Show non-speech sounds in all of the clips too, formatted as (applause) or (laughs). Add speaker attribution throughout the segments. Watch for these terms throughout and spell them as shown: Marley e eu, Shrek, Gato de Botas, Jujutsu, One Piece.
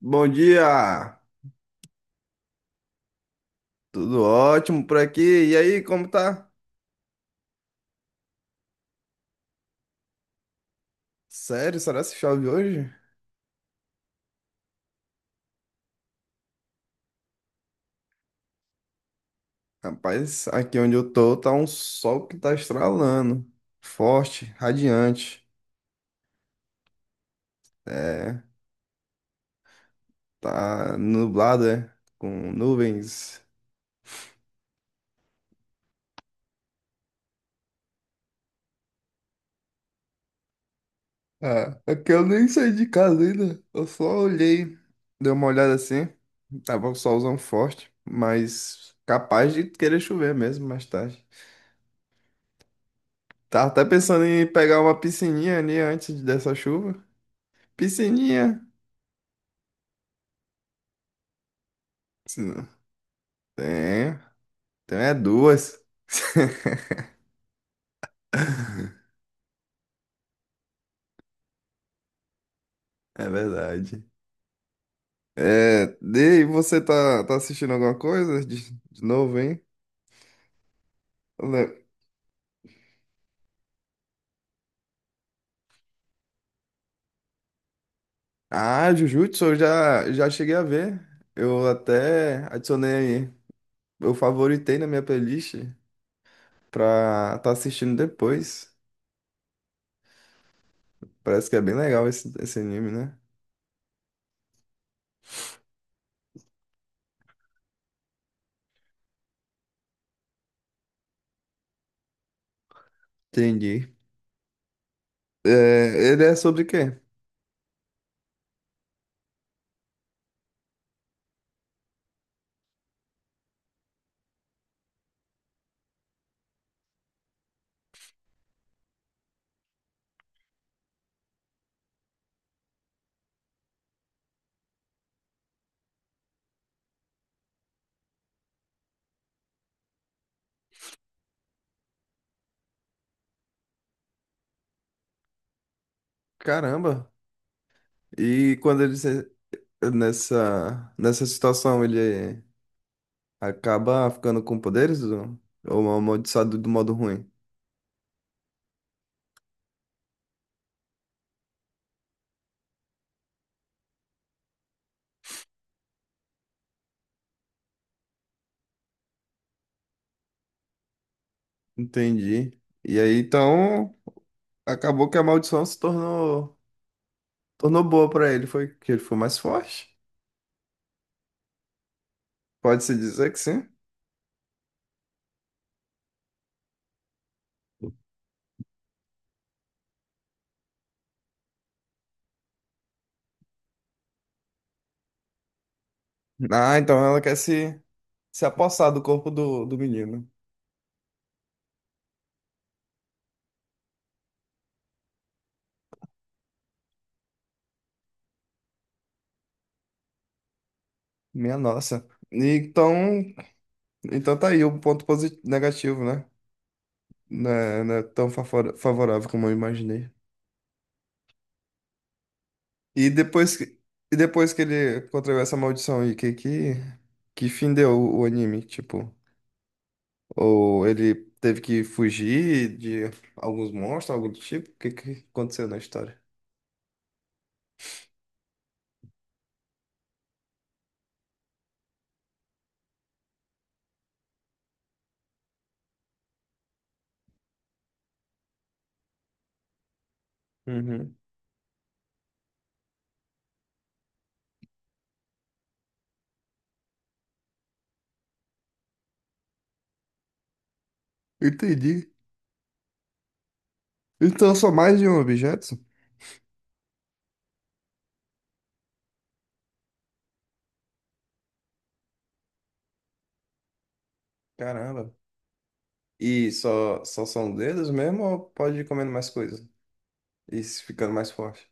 Speaker 1: Bom dia! Tudo ótimo por aqui. E aí, como tá? Sério, será que chove hoje? Rapaz, aqui onde eu tô tá um sol que tá estralando. Forte, radiante. É, tá nublado, é? Com nuvens. Ah, é que eu nem saí de casa ainda. Eu só olhei, dei uma olhada assim. Tava um solzão forte, mas capaz de querer chover mesmo mais tarde. Tava até pensando em pegar uma piscininha ali antes dessa chuva. Piscininha. Tem. Tem é duas. (laughs) É verdade. É, e você tá assistindo alguma coisa de novo, hein? Le- Ah, Jujutsu, eu já cheguei a ver. Eu até adicionei, eu favoritei na minha playlist pra tá assistindo depois. Parece que é bem legal esse anime, né? Entendi. É, ele é sobre o quê? Caramba. E quando ele nessa situação, ele acaba ficando com poderes ou é amaldiçoado do modo ruim? Entendi. E aí, então, acabou que a maldição se tornou, tornou boa pra ele. Foi que ele foi mais forte. Pode-se dizer que sim. Ah, então ela quer se, se apossar do corpo do menino. Minha nossa. E então, então tá aí o ponto positivo, negativo, né? Não é tão favorável como eu imaginei. E depois e depois que ele contraiu essa maldição aí, que fim deu o anime? Tipo, ou ele teve que fugir de alguns monstros, algo do tipo? Que aconteceu na história? Uhum. Entendi. Então só mais de um objeto? Caramba. E só são dedos mesmo ou pode ir comendo mais coisas? E se ficando mais forte?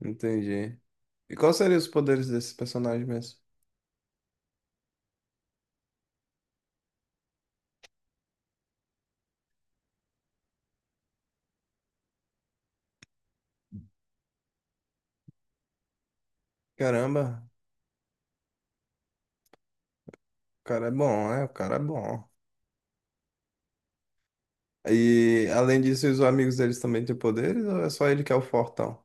Speaker 1: Entendi. E quais seriam os poderes desse personagem mesmo? Caramba, o cara é bom, né? O cara é bom. E além disso, os amigos deles também têm poderes ou é só ele que é o fortão?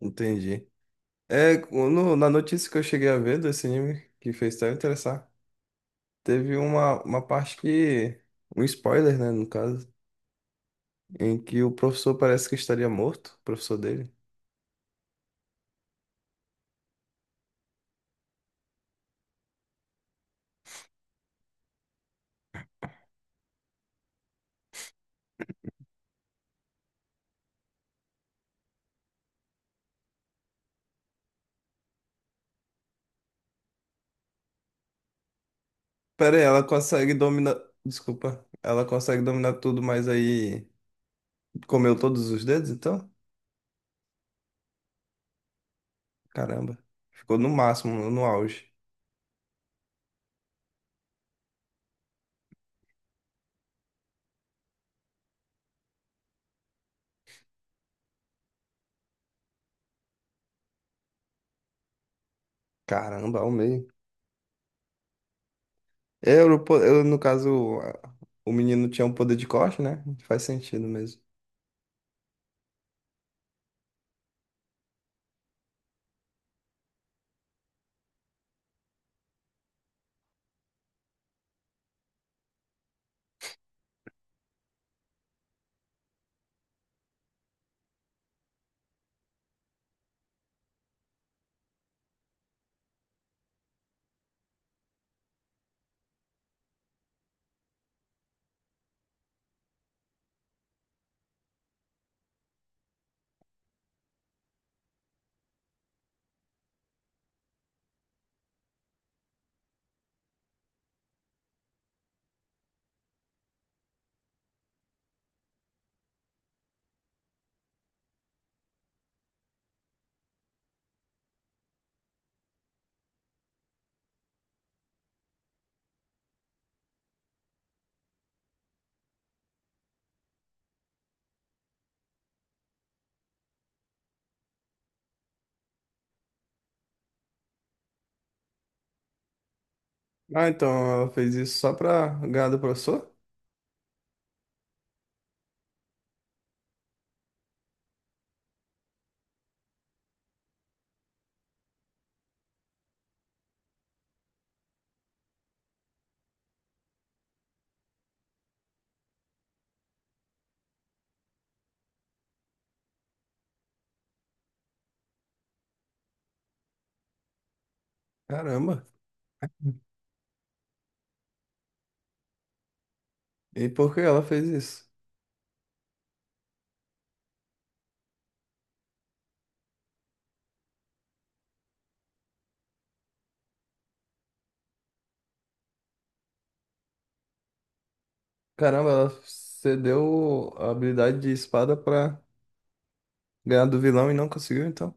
Speaker 1: Entendi. É, na notícia que eu cheguei a ver desse anime, que fez até eu interessar, teve uma parte que. Um spoiler, né, no caso, em que o professor parece que estaria morto, o professor dele. Pera aí, ela consegue dominar. Desculpa. Ela consegue dominar tudo, mas aí comeu todos os dedos, então? Caramba. Ficou no máximo, no auge. Caramba, ao meio. É, eu, eu, no caso, o menino tinha um poder de corte, né? Faz sentido mesmo. Ah, então ela fez isso só pra ganhar do professor? Caramba. E por que ela fez isso? Caramba, ela cedeu a habilidade de espada pra ganhar do vilão e não conseguiu, então.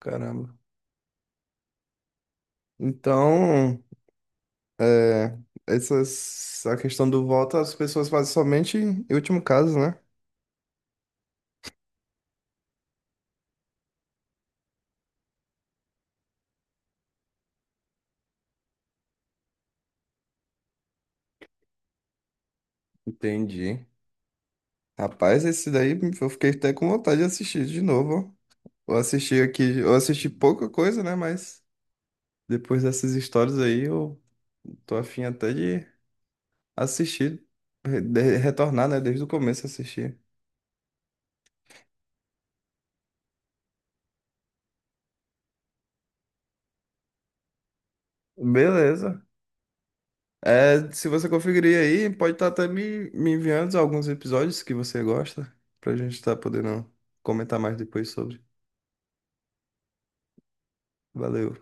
Speaker 1: Caramba. Então, é, essas, a questão do voto as pessoas fazem somente em último caso, né? Entendi. Rapaz, esse daí eu fiquei até com vontade de assistir de novo, ó. Eu assisti aqui, eu assisti pouca coisa, né? Mas depois dessas histórias aí, eu tô afim até de assistir, retornar, né? Desde o começo assistir. Beleza. É, se você conferir aí, pode estar até me enviando alguns episódios que você gosta, pra gente estar podendo comentar mais depois sobre. Valeu.